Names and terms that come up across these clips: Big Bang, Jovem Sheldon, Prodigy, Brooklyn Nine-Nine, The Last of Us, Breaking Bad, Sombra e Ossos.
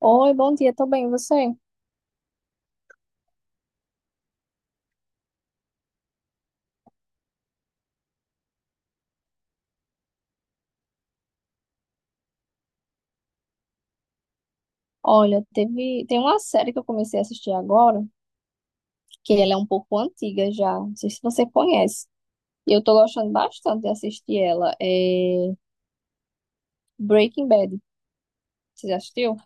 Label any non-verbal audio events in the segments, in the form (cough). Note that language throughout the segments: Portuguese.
Oi, bom dia, tô bem, e você? Olha, tem uma série que eu comecei a assistir agora, que ela é um pouco antiga já, não sei se você conhece. E eu tô gostando bastante de assistir ela, é Breaking Bad. Você já assistiu?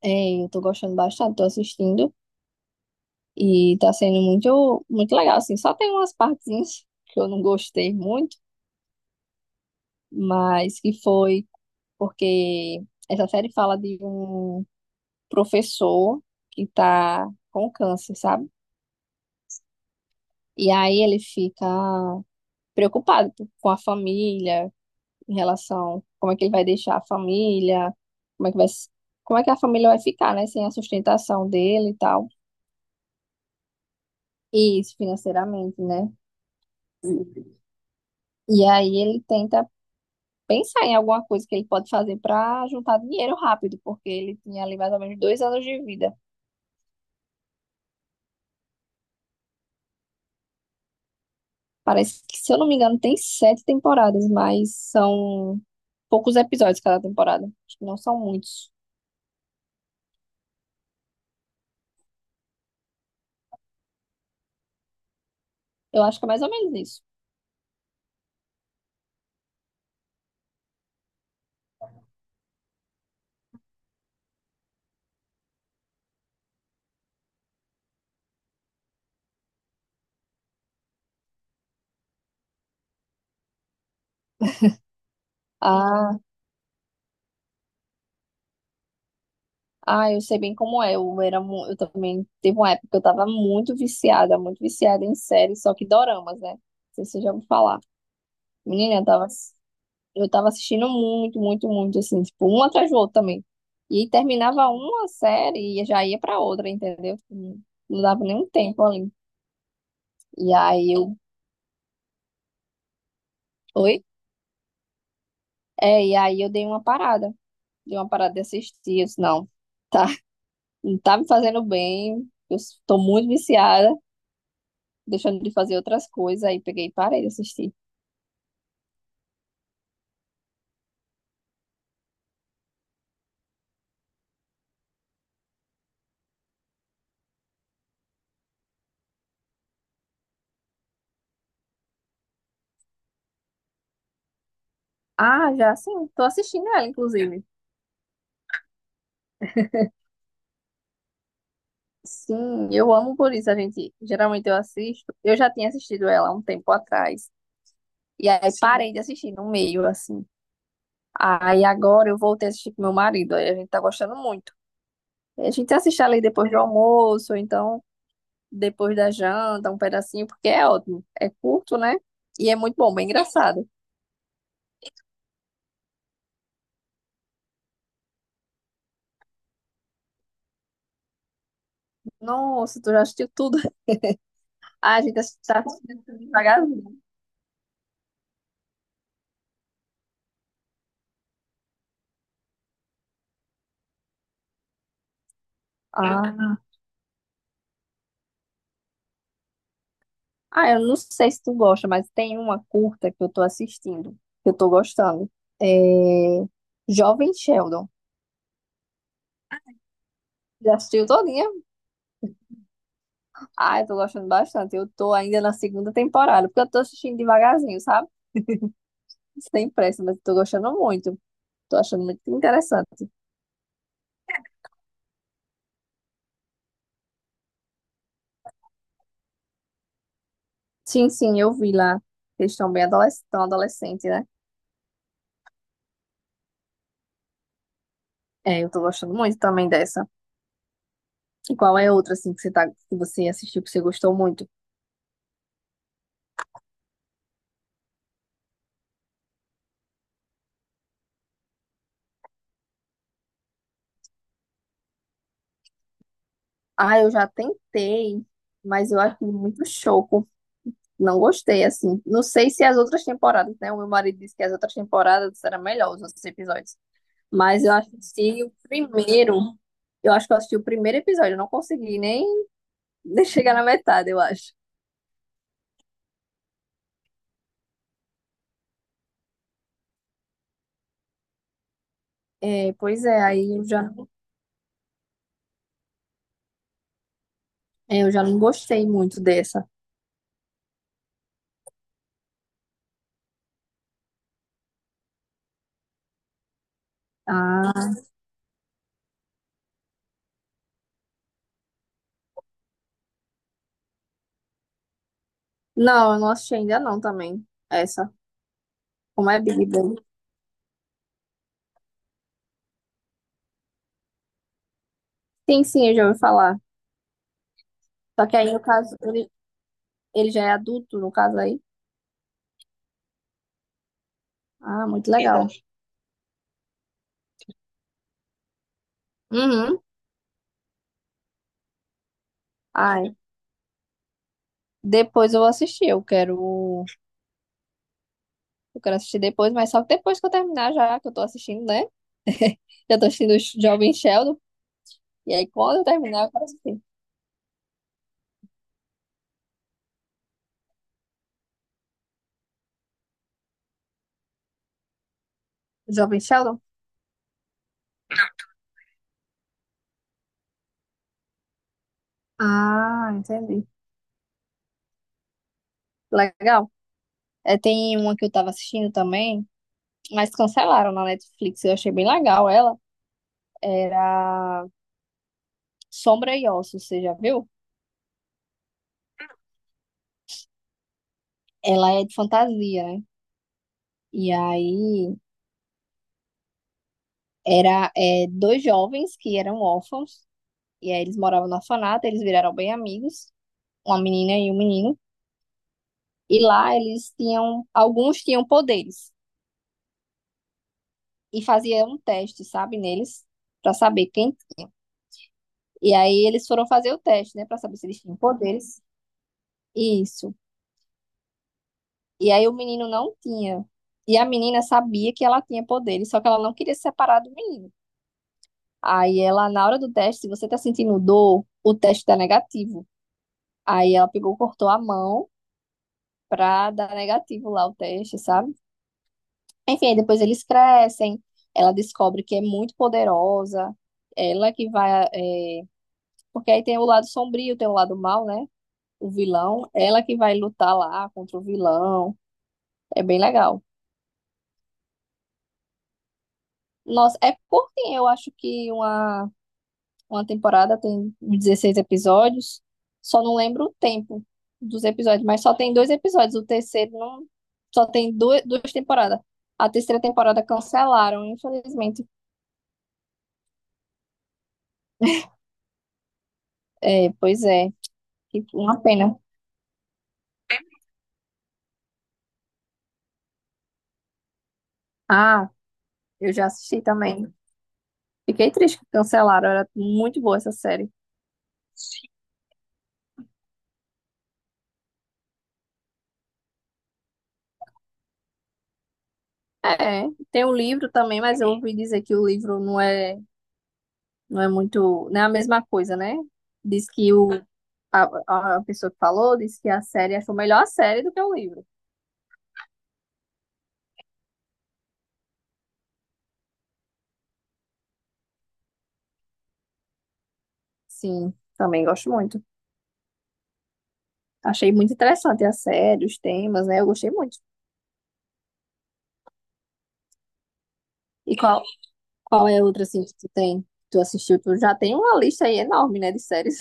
É, eu tô gostando bastante, tô assistindo e tá sendo muito, muito legal, assim. Só tem umas partezinhas (laughs) que eu não gostei muito, mas que foi porque essa série fala de um professor que tá com câncer, sabe? E aí ele fica preocupado com a família, em relação como é que ele vai deixar a família, como é que vai, s- como é que a família vai ficar, né, sem a sustentação dele e tal. E isso financeiramente, né? E aí ele tenta pensar em alguma coisa que ele pode fazer para juntar dinheiro rápido, porque ele tinha ali mais ou menos 2 anos de vida. Parece que, se eu não me engano, tem sete temporadas, mas são poucos episódios cada temporada. Acho que não são muitos. Eu acho que é mais ou menos isso. Ah, Ah, eu sei bem como é. Eu também teve uma época que eu tava muito viciada em séries, só que doramas, né? Não sei se você já ouviu falar. Menina, eu tava assistindo muito, muito, muito, assim, tipo, um atrás do outro também. E terminava uma série e já ia pra outra, entendeu? Não não dava nenhum tempo ali. E aí eu, oi? É, e aí eu dei uma parada. Dei uma parada de assistir. Eu disse, não, tá, não tá me fazendo bem. Tô muito viciada. Deixando de fazer outras coisas, aí peguei e parei de assistir. Ah, já sim, tô assistindo ela, inclusive. Sim, eu amo por isso, a gente. Geralmente eu assisto. Eu já tinha assistido ela há um tempo atrás. E aí, sim, parei de assistir no meio, assim. Aí agora eu voltei a assistir com meu marido. Aí a gente tá gostando muito. A gente assiste ali depois do almoço, ou então depois da janta, um pedacinho, porque é ótimo. É curto, né? E é muito bom, bem engraçado. Nossa, tu já assistiu tudo? (laughs) Ah, a gente tá assistindo devagarzinho. Ah. Ah, eu não sei se tu gosta, mas tem uma curta que eu tô assistindo, que eu tô gostando. É... Jovem Sheldon. Já assistiu todinha? Ah, eu tô gostando bastante. Eu tô ainda na segunda temporada, porque eu tô assistindo devagarzinho, sabe? Sem pressa, mas eu tô gostando muito. Tô achando muito interessante. Sim, sim, eu vi lá. Eles estão bem adolescentes, tão adolescente, né? É, eu tô gostando muito também dessa. E qual é outra, assim, que você assistiu, que você gostou muito? Ah, eu já tentei, mas eu acho muito show. Não gostei, assim. Não sei se as outras temporadas, né? O meu marido disse que as outras temporadas eram melhores, os outros episódios. Mas eu assisti o primeiro. Eu acho que eu assisti o primeiro episódio. Eu não consegui nem (laughs) chegar na metade, eu acho. É, pois é, eu já não gostei muito dessa. Ah, não, eu não assisti ainda não também. Essa. Como é Big Bang? Sim, sim, eu já ouvi falar. Só que aí, no caso, ele já é adulto, no caso aí. Ah, muito legal. Uhum. Ai. Depois eu vou assistir, eu quero assistir depois, mas só que depois que eu terminar já, que eu tô assistindo, né? Já tô assistindo o Jovem Sheldon, e aí quando eu terminar eu quero assistir. Jovem Sheldon? Ah, entendi. Legal. É, tem uma que eu tava assistindo também, mas cancelaram na Netflix, eu achei bem legal ela. Era Sombra e Ossos, você já viu? Ela é de fantasia, né? E aí dois jovens que eram órfãos, e aí eles moravam no orfanato, eles viraram bem amigos. Uma menina e um menino, e lá alguns tinham poderes e faziam um teste, sabe, neles, pra saber quem. E aí eles foram fazer o teste, né, pra saber se eles tinham poderes. Isso. E aí o menino não tinha. E a menina sabia que ela tinha poderes, só que ela não queria se separar do menino. Aí ela, na hora do teste, se você tá sentindo dor, o teste tá negativo. Aí ela pegou, cortou a mão pra dar negativo lá o teste, sabe? Enfim, aí depois eles crescem, ela descobre que é muito poderosa, ela que vai. Porque aí tem o lado sombrio, tem o lado mal, né? O vilão, ela que vai lutar lá contra o vilão. É bem legal. Nossa, é curtinho, eu acho que uma temporada tem 16 episódios, só não lembro o tempo dos episódios, mas só tem dois episódios, o terceiro não. Só tem duas temporadas. A terceira temporada cancelaram, infelizmente. É, pois é, uma pena. Ah, eu já assisti também. Fiquei triste que cancelaram, era muito boa essa série. É, tem o livro também, mas eu ouvi dizer que o livro não é, não é muito, não é a mesma coisa, né? Diz que a pessoa que falou disse que a série achou melhor a série do que o livro. Sim, também gosto muito. Achei muito interessante a série, os temas, né? Eu gostei muito. E qual é a outra, assim, que tu tem? Que tu assistiu? Tu já tem uma lista aí enorme, né, de séries.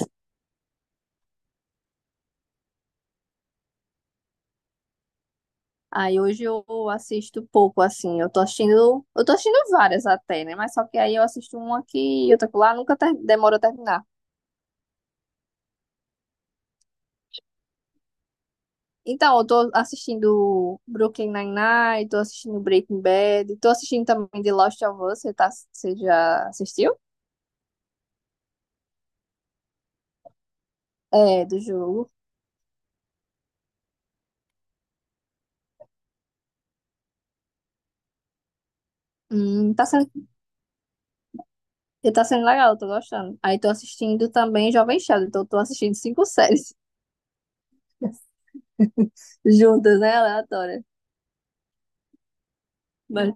Aí hoje eu assisto pouco, assim. Eu tô assistindo várias até, né? Mas só que aí eu assisto uma aqui e outra lá, nunca ter... demora a terminar. Então, eu tô assistindo Brooklyn Nine-Nine, tô assistindo Breaking Bad, tô assistindo também The Last of Us. Você já assistiu? É, do jogo. Hum, tá sendo... tá sendo legal, eu tô gostando. Aí tô assistindo também Jovem Sheldon, então eu tô assistindo cinco séries (laughs) juntas, né? Aleatória. Mas...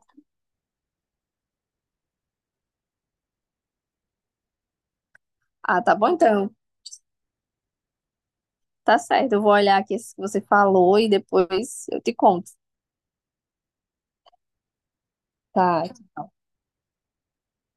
Ah, tá bom então. Tá certo, eu vou olhar aqui esse que você falou e depois eu te conto. Tá.